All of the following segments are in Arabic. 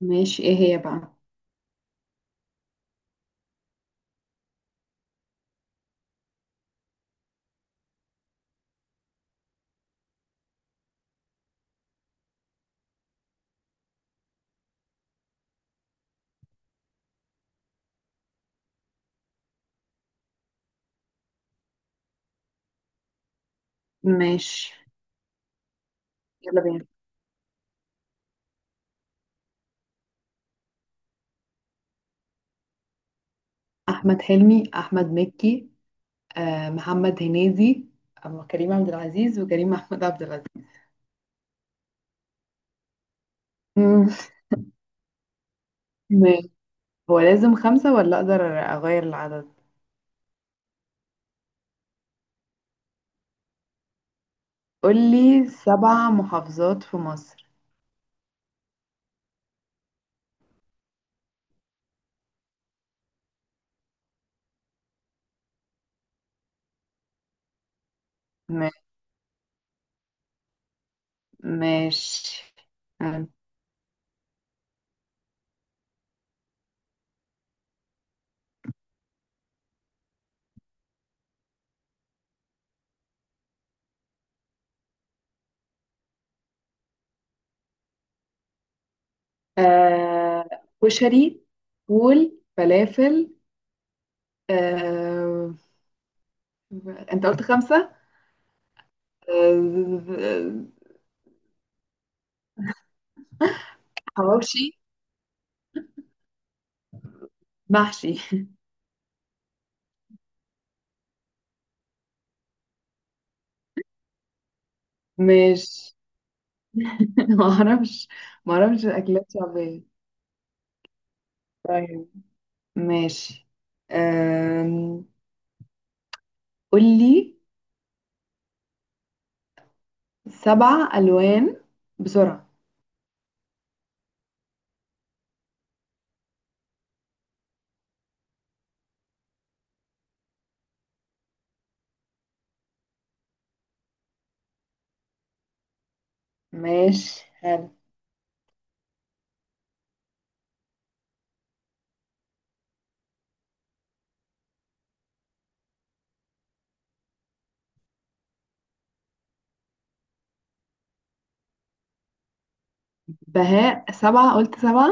ماشي، ايه هي بقى؟ ماشي. يلا بينا. احمد حلمي، احمد مكي، آه محمد هنيدي، أما كريم عبد العزيز وكريم محمود عبد العزيز. مم. ماشي. هو لازم خمسة ولا اقدر اغير العدد؟ قولي سبع محافظات في مصر. ما- ماشي. آه. آه، كشري، فول، فلافل. آه. انت قلت خمسة؟ آه. حواوشي، محشي. ماشي. ما اعرفش، ما اعرفش اكلات شعبية. طيب، ماشي. أم... قولي سبع الوان بسرعة. ماشي، حلو. بهاء. سبعة قلت؟ سبعة.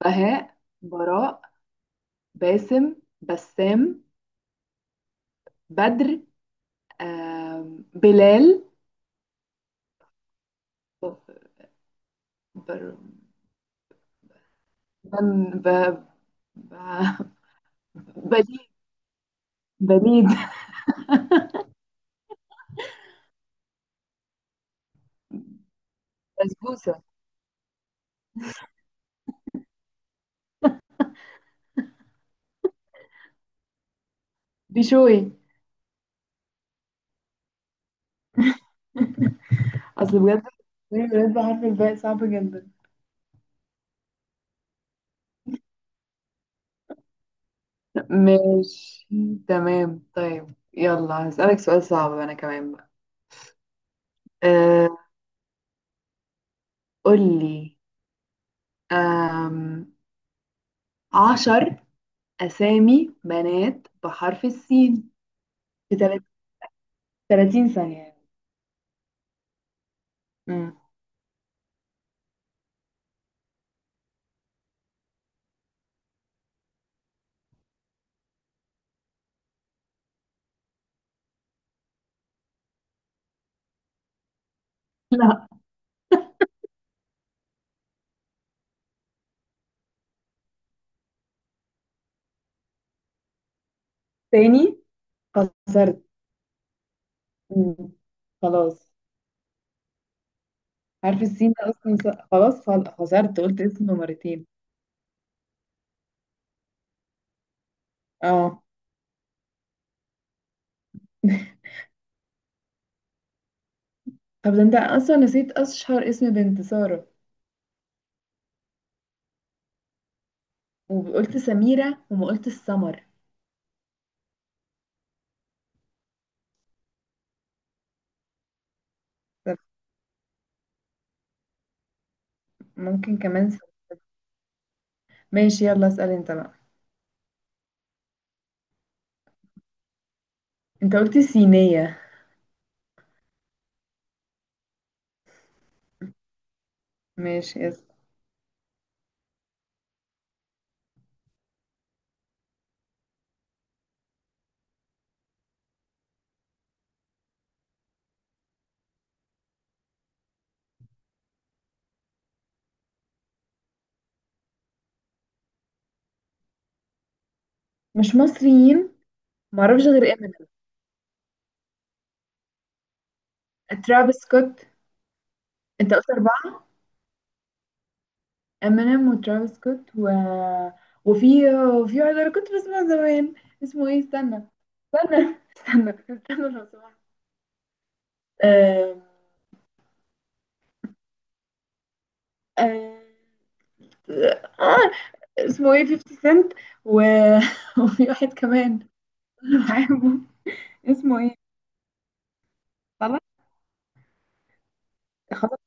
بهاء، براء، باسم، بسام، بدر، بلال. بر... بن... ب... ب... بليد. بليد بسبوسة. بشوي. اصل بجد الولاد بحرف الباء صعب جدا. ماشي، تمام. طيب يلا هسألك سؤال صعب أنا كمان بقى. أه. قولي. أم، 10 أسامي بنات بحرف السين في تلات- 30 ثانية يعني. مم. لا، تاني خسرت. مم. خلاص. حرف السين ده أصلا خسرت، قلت اسمه مرتين. اه. طب ده انت أصلا نسيت أشهر اسم بنت، سارة. وقلت سميرة وما قلت السمر. طب ممكن كمان. ماشي، يلا اسأل انت بقى. انت قلت صينية. ماشي، اسأل. مش مصريين. معرفش غير امينيم، ترافيس سكوت. انت قلت أربعة. امينيم وترافيس سكوت و... وفي وفي واحد انا كنت بسمع زمان، اسمه ايه؟ استنى، استنى لو سمحت. آم، آم، آه، اسمه ايه؟ 50 سنت. و... وفي واحد كمان انا بحبه، اسمه ايه؟ خلاص. خلاص.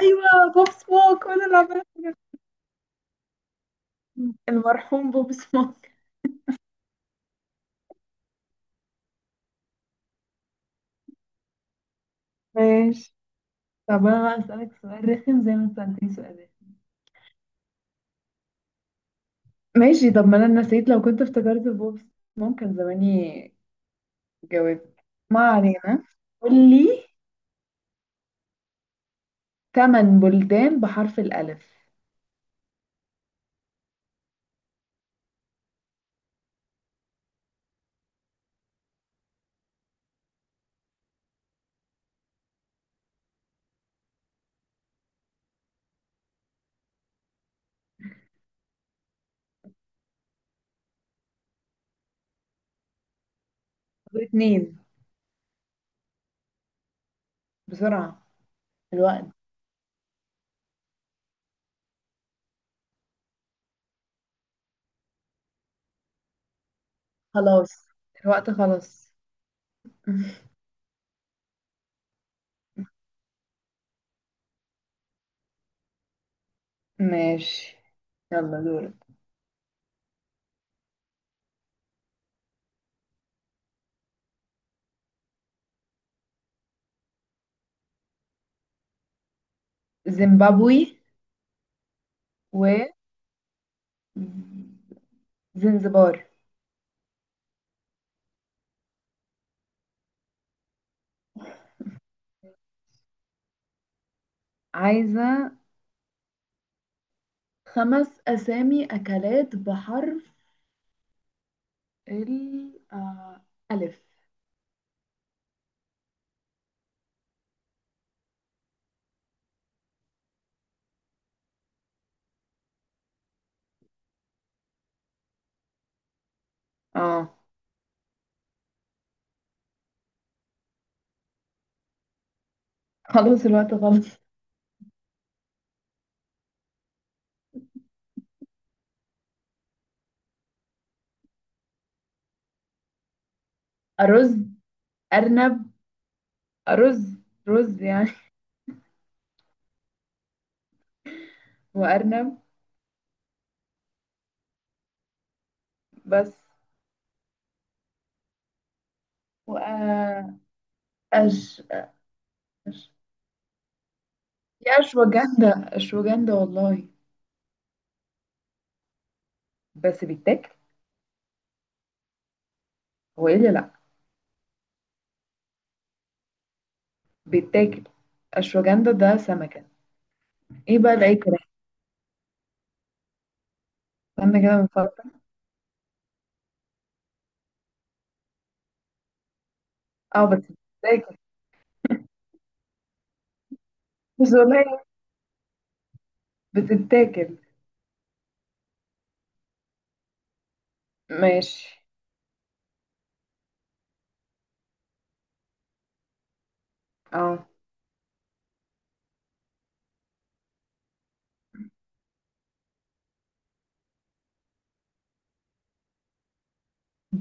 ايوه، بوب سموك، وانا اللي عماله. المرحوم بوب سموك. ماشي. طب انا بقى اسالك سؤال رخم زي ما انت سالتني سؤال رخم. ماشي. طب ما انا نسيت، لو كنت افتكرت بوب ممكن زماني جاوبت. ما علينا. قول لي ثمان بلدان بحرف الألف. اتنين. بسرعة. الوقت. خلاص الوقت. خلاص. ماشي، يلا دورك. زيمبابوي و زنزبار. عايزة خمس أسامي أكلات بحرف ال ألف. اه. خلاص الوقت خلص. أرز، أرنب. أرز، رز يعني. وأرنب. بس. وأش أش أش. في أشواجندا، أشواجندا والله. بس بيتاكل. هو إيه اللي لأ؟ بيتاكل. أشواجندا ده سمكة. إيه بقى العيك ده؟ استنى كده بنفكر. اه بس بتتاكل. بس والله بتتاكل. ماشي. اه.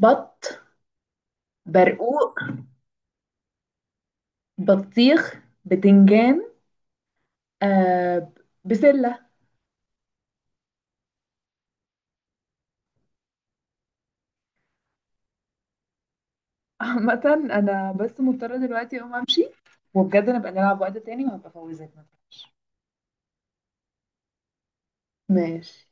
بط. برقوق. بطيخ. بتنجان. آه. بسلة. عامة أنا بس مضطرة دلوقتي أقوم أمشي، وبجد نبقى نلعب وقت تاني وهبقى أفوزك. ماشي.